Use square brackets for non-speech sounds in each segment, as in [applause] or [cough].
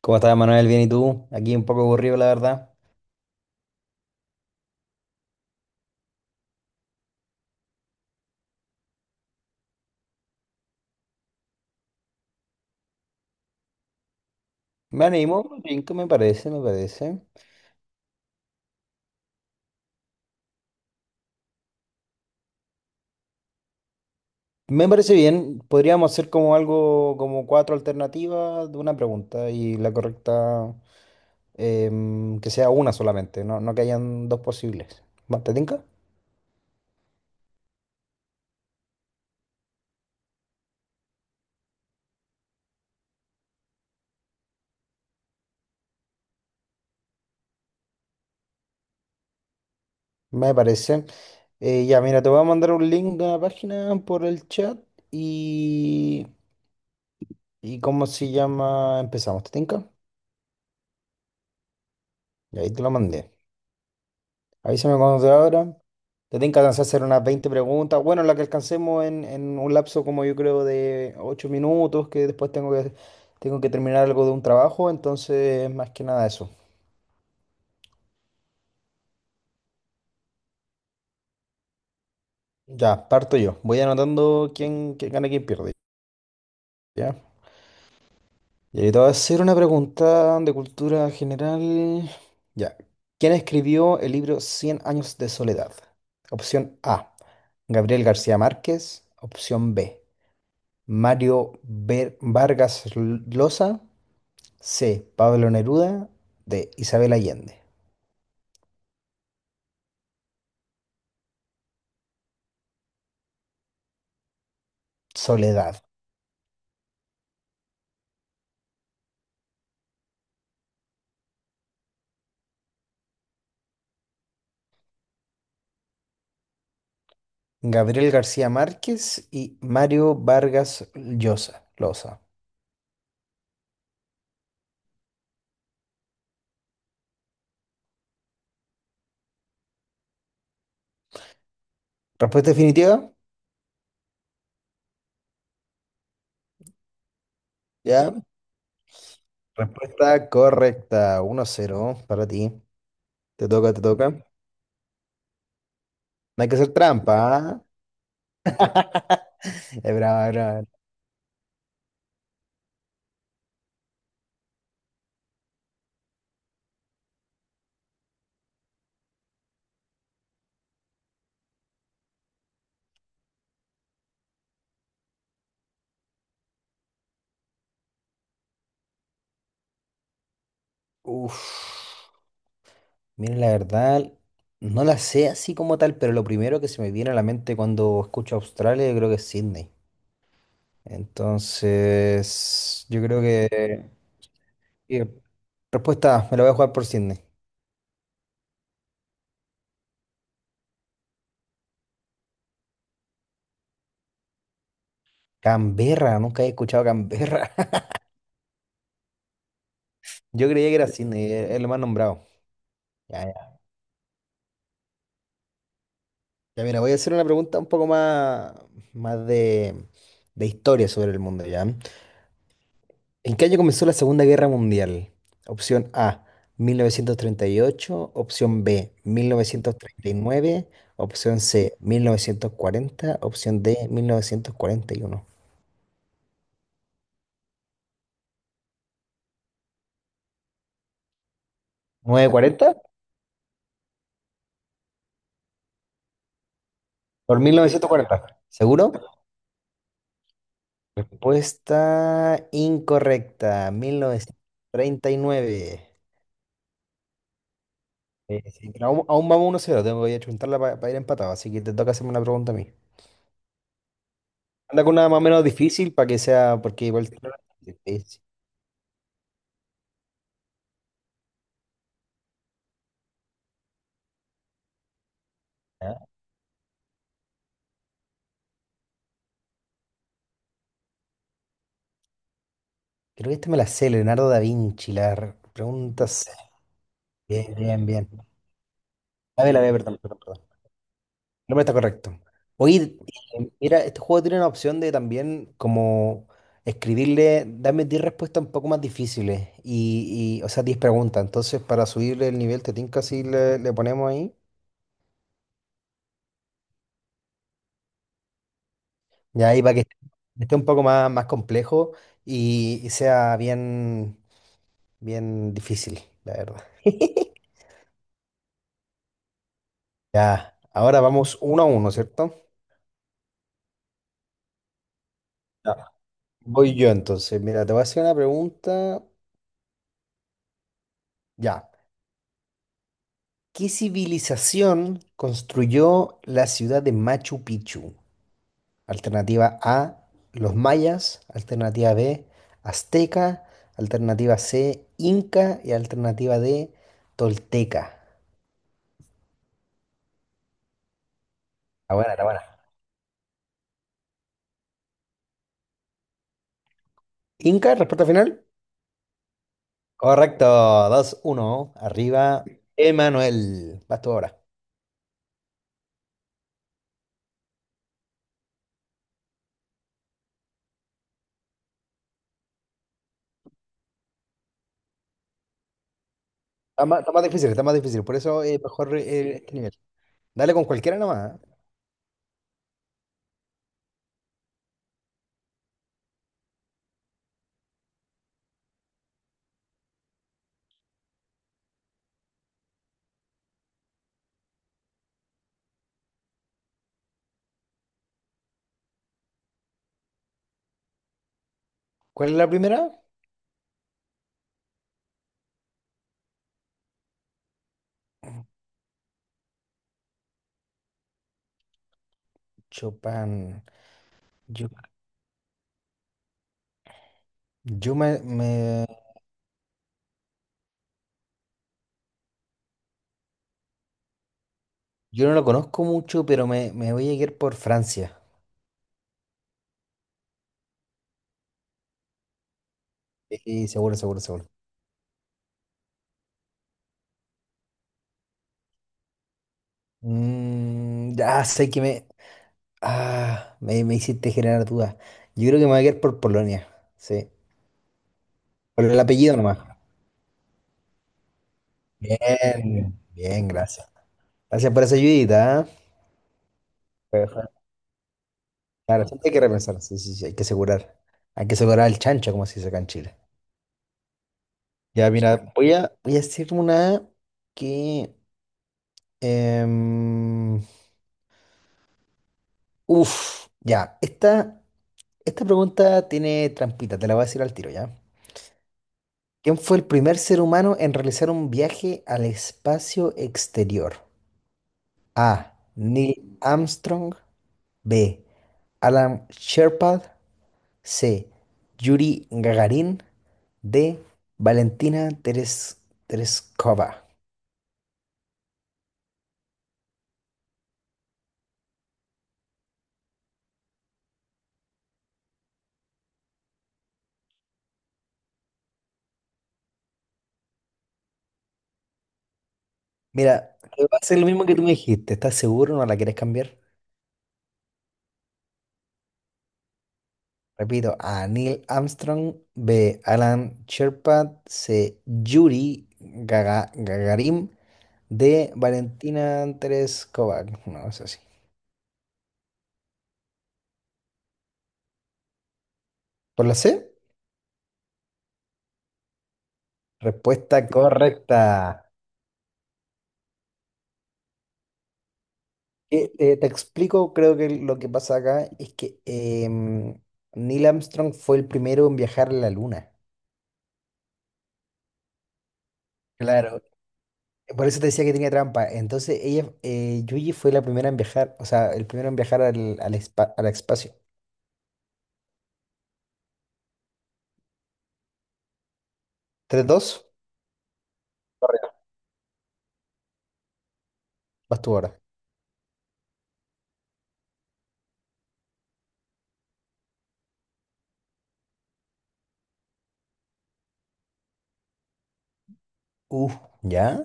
¿Cómo estás, Manuel? Bien, ¿y tú? Aquí un poco aburrido, la verdad. Me animo, cinco, me parece, me parece. Me parece bien. Podríamos hacer como algo, como cuatro alternativas de una pregunta y la correcta que sea una solamente, no que hayan dos posibles. ¿Va? ¿Te tinca? Me parece. Ya, mira, te voy a mandar un link de una página por el chat y... ¿Y cómo se llama? Empezamos, ¿te tinca? Y ahí te lo mandé. Avísame cuando te abra. Te tienen que alcanzar a hacer unas 20 preguntas. Bueno, la que alcancemos en un lapso como yo creo de 8 minutos, que después tengo que terminar algo de un trabajo, entonces más que nada eso. Ya, parto yo. Voy anotando quién gana y quién pierde. ¿Ya? Y ahí te voy a hacer una pregunta de cultura general. Ya. ¿Quién escribió el libro Cien años de soledad? Opción A, Gabriel García Márquez. Opción B, Vargas Llosa. C. Pablo Neruda. D. Isabel Allende. Soledad. Gabriel García Márquez y Mario Vargas Llosa. Loza. ¿Respuesta definitiva? Ya. Respuesta correcta. Uno cero para ti. Te toca. No hay que hacer trampa. ¿Ah? Ya, brava, brava. Uf. Mira, la verdad, no la sé así como tal, pero lo primero que se me viene a la mente cuando escucho Australia, yo creo que es Sydney. Entonces, yo creo que Respuesta, me la voy a jugar por Sydney. Canberra, nunca he escuchado Canberra. [laughs] Yo creía que era Sydney, es lo más nombrado. Ya, ya. Ya, mira, voy a hacer una pregunta un poco más, más de, de historia sobre el mundo, ¿ya? ¿En qué año comenzó la Segunda Guerra Mundial? Opción A, 1938. Opción B, mil novecientos treinta y nueve. Opción C, 1940. Opción D, 1941. ¿940? Por mil novecientos cuarenta. ¿Seguro? Respuesta incorrecta, 1939. Sí, pero aún vamos uno cero, tengo que chuntarla para ir empatado, así que te toca hacerme una pregunta a mí. Anda con una más o menos difícil para que sea, porque igual... Difícil, ¿ah? Creo que esta me la sé, Leonardo da Vinci, pregunta C. Bien, bien, bien. A ver, perdón, perdón, perdón. No me está correcto. Oye, mira, este juego tiene una opción de también como escribirle, dame 10 respuestas un poco más difíciles o sea, 10 preguntas. Entonces, para subirle el nivel, te tinca así le ponemos ahí. Ya ahí para que esté un poco más, más complejo y sea bien, bien difícil, la verdad. [laughs] Ya, ahora vamos uno a uno, ¿cierto? Ya. Voy yo entonces. Mira, te voy a hacer una pregunta. Ya. ¿Qué civilización construyó la ciudad de Machu Picchu? Alternativa A, los mayas. Alternativa B, azteca. Alternativa C, inca. Y alternativa D, tolteca. La buena, la buena. Inca, respuesta final. Correcto, dos, uno. Arriba, Emanuel. Vas tú ahora. Está más difícil, está más difícil. Por eso es mejor este nivel. Dale con cualquiera nomás. ¿Eh? ¿Cuál es la primera? Chopin. Yo, yo me, me Yo no lo conozco mucho, pero me voy a ir por Francia. Sí, seguro, seguro, seguro. Mm, ya sé que me, me hiciste generar dudas. Yo creo que me voy a ir por Polonia. Sí. Por el apellido nomás. Bien, bien, gracias. Gracias por esa ayudita, ¿ah? Pero, claro, siempre hay que repensar. Sí, sí, sí, hay que asegurar. Hay que asegurar el chancho, como se dice acá en Chile. Ya, mira, voy a hacer una que. em, Uf, ya. Esta. Esta pregunta tiene trampita, te la voy a decir al tiro ya. ¿Quién fue el primer ser humano en realizar un viaje al espacio exterior? A. Neil Armstrong. B. Alan Shepard. C. Yuri Gagarin. D. Valentina Teres- Tereskova. Mira, va a ser lo mismo que tú me dijiste. ¿Estás seguro? ¿No la quieres cambiar? Repito, A. Neil Armstrong. B. Alan Shepard. C. Gagarin. De Valentina Andrés Kovac. No, es así. ¿Por la C? Respuesta correcta. Te explico, creo que lo que pasa acá es que em, Neil Armstrong fue el primero en viajar a la luna. Claro. Por eso te decía que tenía trampa. Entonces, ella, Yuji fue la primera en viajar, o sea, el primero en viajar al espacio. 3-2, vas tú ahora. Uh, ¿Ya?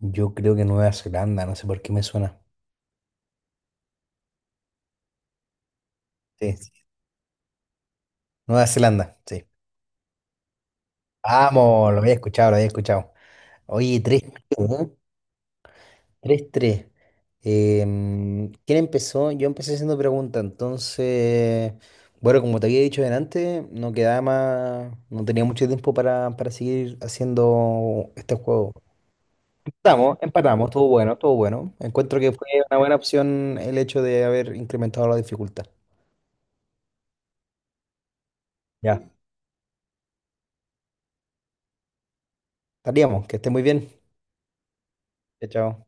Yo creo que Nueva Zelanda, no sé por qué me suena. Sí, sí. Nueva Zelanda, sí. Vamos, lo había escuchado, lo había escuchado. Oye, tres, ¿eh? Tres, tres. 3. ¿Quién empezó? Yo empecé haciendo preguntas, entonces, bueno, como te había dicho delante, no quedaba más, no tenía mucho tiempo para seguir haciendo este juego. Empatamos, empatamos, estuvo bueno, estuvo bueno. Encuentro que fue una buena opción el hecho de haber incrementado la dificultad. Ya. Estaríamos, que esté muy bien. Chao, chao.